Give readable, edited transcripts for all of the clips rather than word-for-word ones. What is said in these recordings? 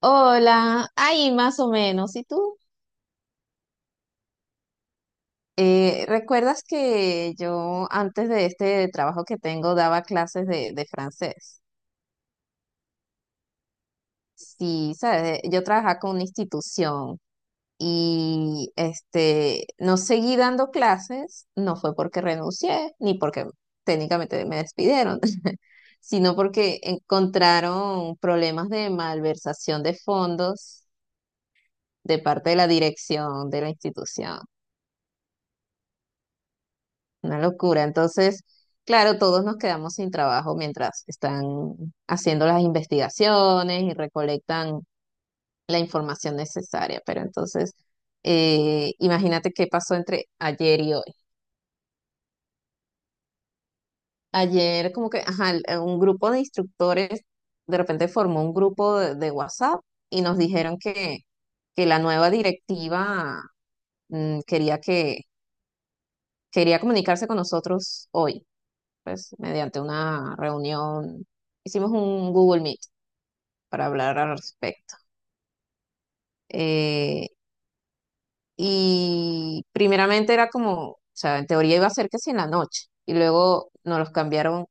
Hola, ahí más o menos. ¿Y tú? ¿Recuerdas que yo antes de este trabajo que tengo daba clases de francés? Sí, sabes. Yo trabajaba con una institución y no seguí dando clases, no fue porque renuncié, ni porque técnicamente me despidieron, sino porque encontraron problemas de malversación de fondos de parte de la dirección de la institución. Una locura. Entonces, claro, todos nos quedamos sin trabajo mientras están haciendo las investigaciones y recolectan la información necesaria. Pero entonces, imagínate qué pasó entre ayer y hoy. Ayer como que, ajá, un grupo de instructores de repente formó un grupo de WhatsApp y nos dijeron que la nueva directiva, mm, quería que, quería comunicarse con nosotros hoy pues mediante una reunión. Hicimos un Google Meet para hablar al respecto. Eh, y primeramente era como, o sea, en teoría iba a ser que si en la noche, y luego nos los cambiaron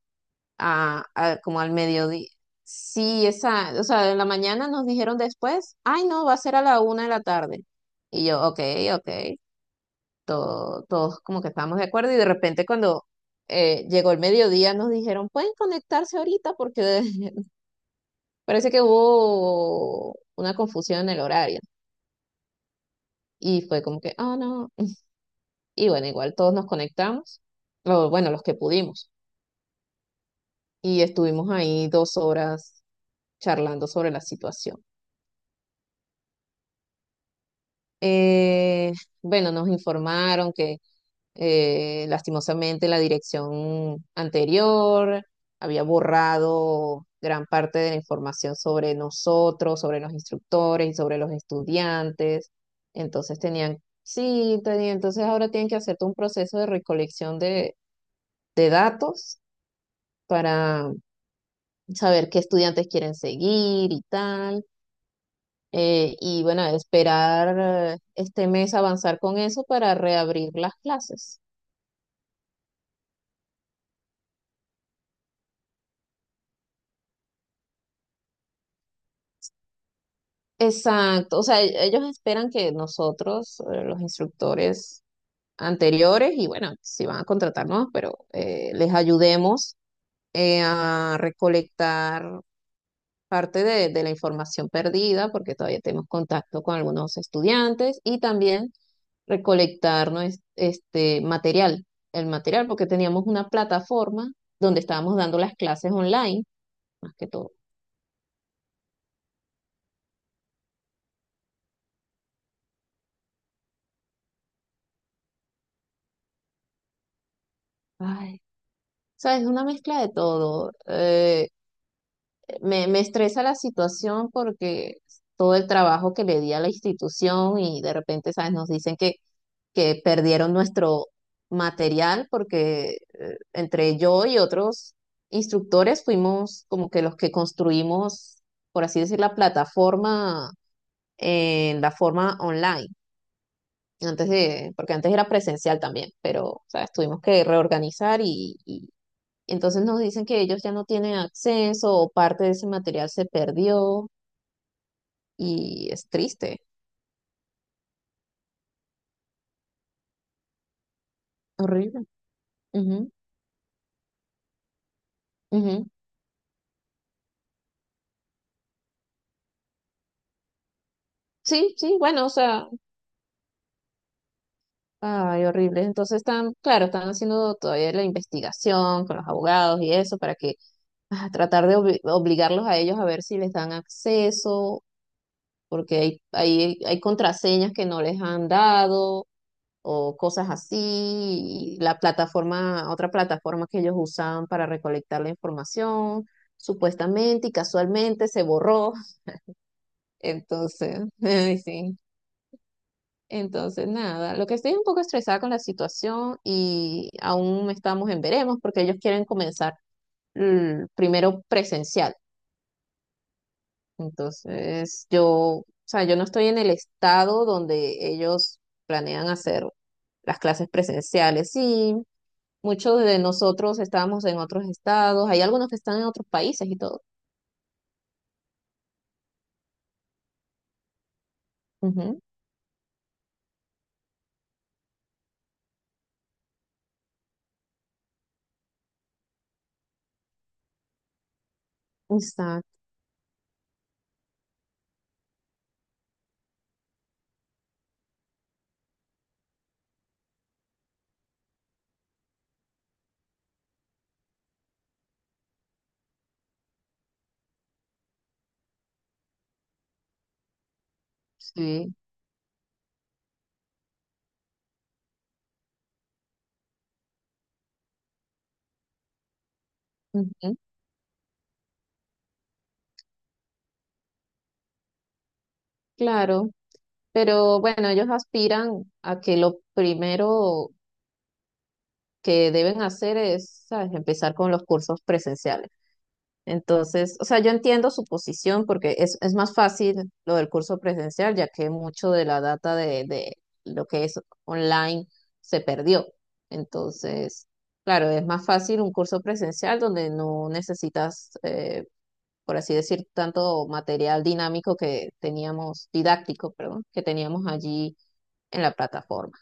a como al mediodía. Sí, esa, o sea, en la mañana nos dijeron después, ay no, va a ser a la 1 de la tarde. Y yo, ok, ok, todos como que estábamos de acuerdo y de repente cuando llegó el mediodía nos dijeron, pueden conectarse ahorita porque Parece que hubo una confusión en el horario y fue como que, ah, no. Y bueno, igual todos nos conectamos, o bueno, los que pudimos, y estuvimos ahí 2 horas charlando sobre la situación. Eh, bueno, nos informaron que lastimosamente, la dirección anterior había borrado gran parte de la información sobre nosotros, sobre los instructores y sobre los estudiantes. Entonces tenían, sí, entonces ahora tienen que hacer todo un proceso de recolección de datos para saber qué estudiantes quieren seguir y tal. Y bueno, esperar este mes avanzar con eso para reabrir las clases. Exacto, o sea, ellos esperan que nosotros, los instructores anteriores, y bueno, si van a contratarnos, pero les ayudemos a recolectar parte de la información perdida, porque todavía tenemos contacto con algunos estudiantes, y también recolectar el material, porque teníamos una plataforma donde estábamos dando las clases online, más que todo. Ay, sabes, una mezcla de todo. Me estresa la situación porque todo el trabajo que le di a la institución y de repente, ¿sabes? Nos dicen que perdieron nuestro material porque entre yo y otros instructores fuimos como que los que construimos, por así decir, la plataforma en la forma online. Porque antes era presencial también, pero, ¿sabes? Tuvimos que reorganizar y entonces nos dicen que ellos ya no tienen acceso o parte de ese material se perdió y es triste, horrible. Ujú, ujú. Sí, sí, bueno, o sea, ay, horrible. Entonces están, claro, están haciendo todavía la investigación con los abogados y eso para que tratar de obligarlos a ellos a ver si les dan acceso, porque hay contraseñas que no les han dado o cosas así, y la plataforma, otra plataforma que ellos usaban para recolectar la información, supuestamente y casualmente se borró. Entonces, ay, sí. Entonces, nada, lo que estoy un poco estresada con la situación y aún estamos en veremos porque ellos quieren comenzar primero presencial. Entonces, yo, o sea, yo no estoy en el estado donde ellos planean hacer las clases presenciales. Sí, muchos de nosotros estábamos en otros estados, hay algunos que están en otros países y todo. Ujú, exacto, sí. Ujú, claro, pero bueno, ellos aspiran a que lo primero que deben hacer es, ¿sabes?, empezar con los cursos presenciales. Entonces, o sea, yo entiendo su posición porque es más fácil lo del curso presencial, ya que mucho de la data de lo que es online se perdió. Entonces, claro, es más fácil un curso presencial donde no necesitas, por así decir, tanto material dinámico que teníamos, didáctico, perdón, que teníamos allí en la plataforma.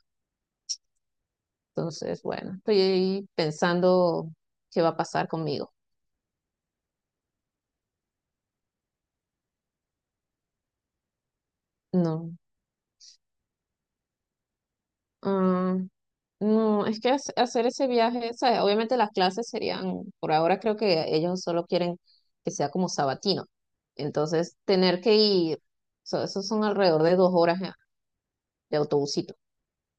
Entonces, bueno, estoy ahí pensando qué va a pasar conmigo. No. ah, no, es que hacer ese viaje, ¿sabes? Obviamente las clases serían, por ahora creo que ellos solo quieren que sea como sabatino. Entonces, tener que ir, esos son alrededor de 2 horas de autobusito.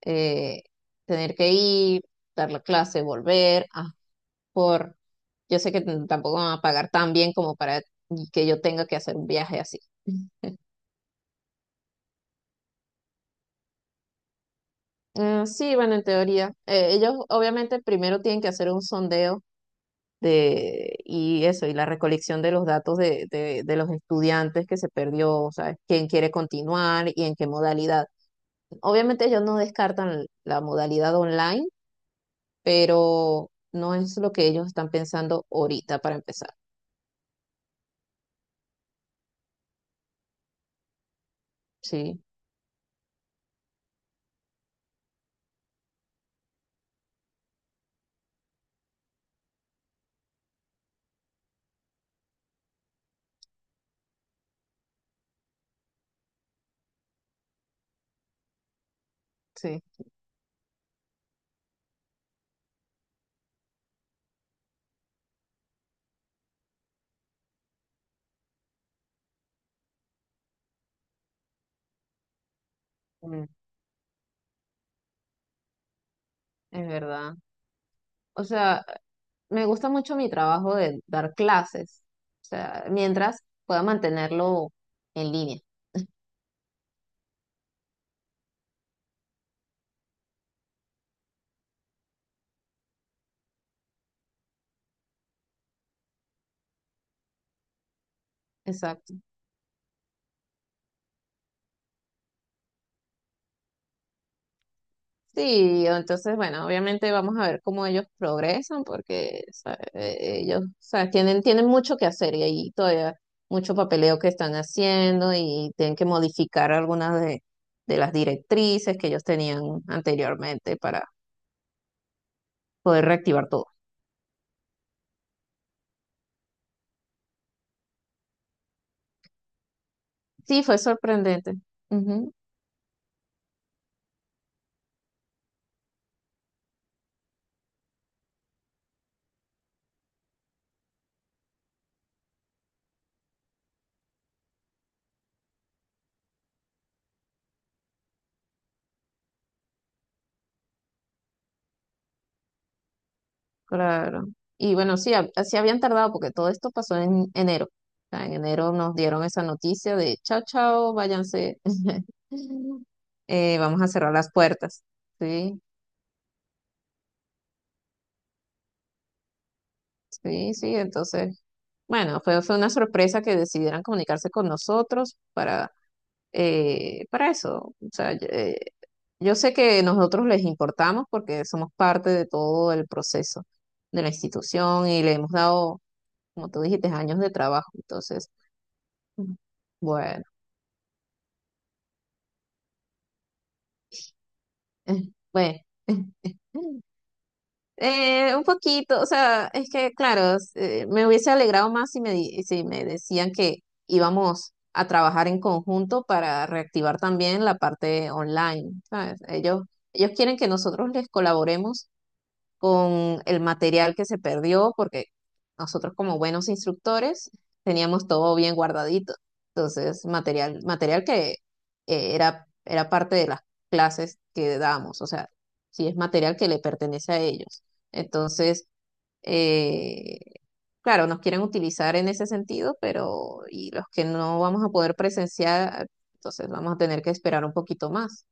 Eh, tener que ir, dar la clase, volver, por, yo sé que tampoco van a pagar tan bien como para que yo tenga que hacer un viaje así. Sí, bueno, en teoría. Ellos obviamente primero tienen que hacer un sondeo de, y eso, y la recolección de los datos de, de los estudiantes que se perdió, o sea, quién quiere continuar y en qué modalidad. Obviamente ellos no descartan la modalidad online, pero no es lo que ellos están pensando ahorita para empezar. Sí, sí, mm, es verdad. O sea, me gusta mucho mi trabajo de dar clases, o sea, mientras pueda mantenerlo en línea. Exacto. Sí, entonces, bueno, obviamente vamos a ver cómo ellos progresan, porque ¿sabes? Ellos, ¿sabes? Tienen mucho que hacer y ahí todavía mucho papeleo que están haciendo y tienen que modificar algunas de las directrices que ellos tenían anteriormente para poder reactivar todo. Sí, fue sorprendente. Ujú, claro. Y bueno, sí, así habían tardado porque todo esto pasó en enero. O sea, en enero nos dieron esa noticia de chao, chao, váyanse, vamos a cerrar las puertas. Sí, sí, sí. Entonces, bueno, fue una sorpresa que decidieran comunicarse con nosotros para eso. O sea, yo sé que nosotros les importamos porque somos parte de todo el proceso de la institución y le hemos dado, como tú dijiste, años de trabajo. Entonces, bueno, bueno. Un poquito, o sea, es que claro, me hubiese alegrado más si me, si me decían que íbamos a trabajar en conjunto para reactivar también la parte online, ¿sabes? Ellos quieren que nosotros les colaboremos con el material que se perdió, porque nosotros como buenos instructores teníamos todo bien guardadito. Entonces, material, material que era parte de las clases que damos, o sea, si es material que le pertenece a ellos. Entonces, eh, claro, nos quieren utilizar en ese sentido, pero y los que no vamos a poder presenciar, entonces vamos a tener que esperar un poquito más.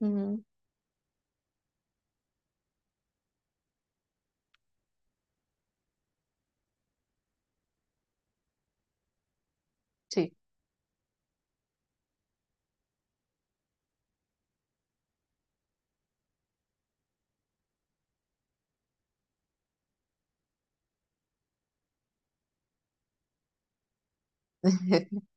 Ujú, sí.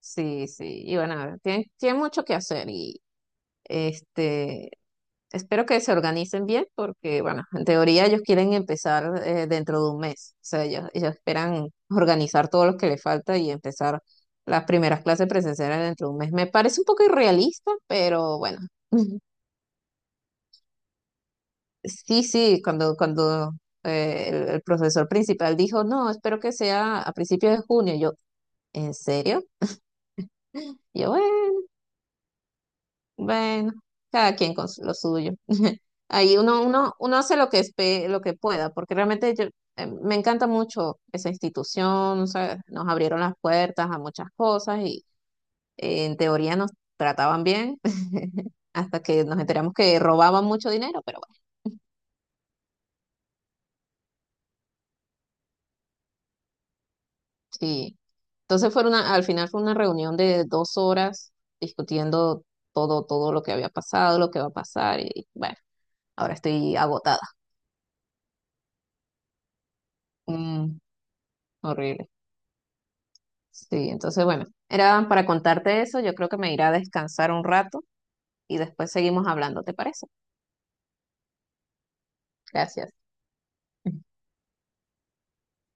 Sí, sí, y bueno, tienen mucho que hacer. Este, espero que se organicen bien porque, bueno, en teoría ellos quieren empezar dentro de un mes. O sea, ellos esperan organizar todo lo que les falta y empezar las primeras clases presenciales dentro de un mes. Me parece un poco irrealista, pero bueno. Sí, sí, cuando el profesor principal dijo, no, espero que sea a principios de junio. Yo, ¿en serio? Yo, "Bueno, bueno, cada quien con lo suyo". Ahí uno hace lo que pueda, porque realmente yo, me encanta mucho esa institución, o sea, nos abrieron las puertas a muchas cosas y en teoría nos trataban bien, hasta que nos enteramos que robaban mucho dinero, pero bueno, sí. Entonces fue una, al final fue una reunión de 2 horas discutiendo todo, todo lo que había pasado, lo que va a pasar, y bueno, ahora estoy agotada. Mm, horrible. Sí, entonces bueno, era para contarte eso. Yo creo que me iré a descansar un rato y después seguimos hablando, ¿te parece? Gracias.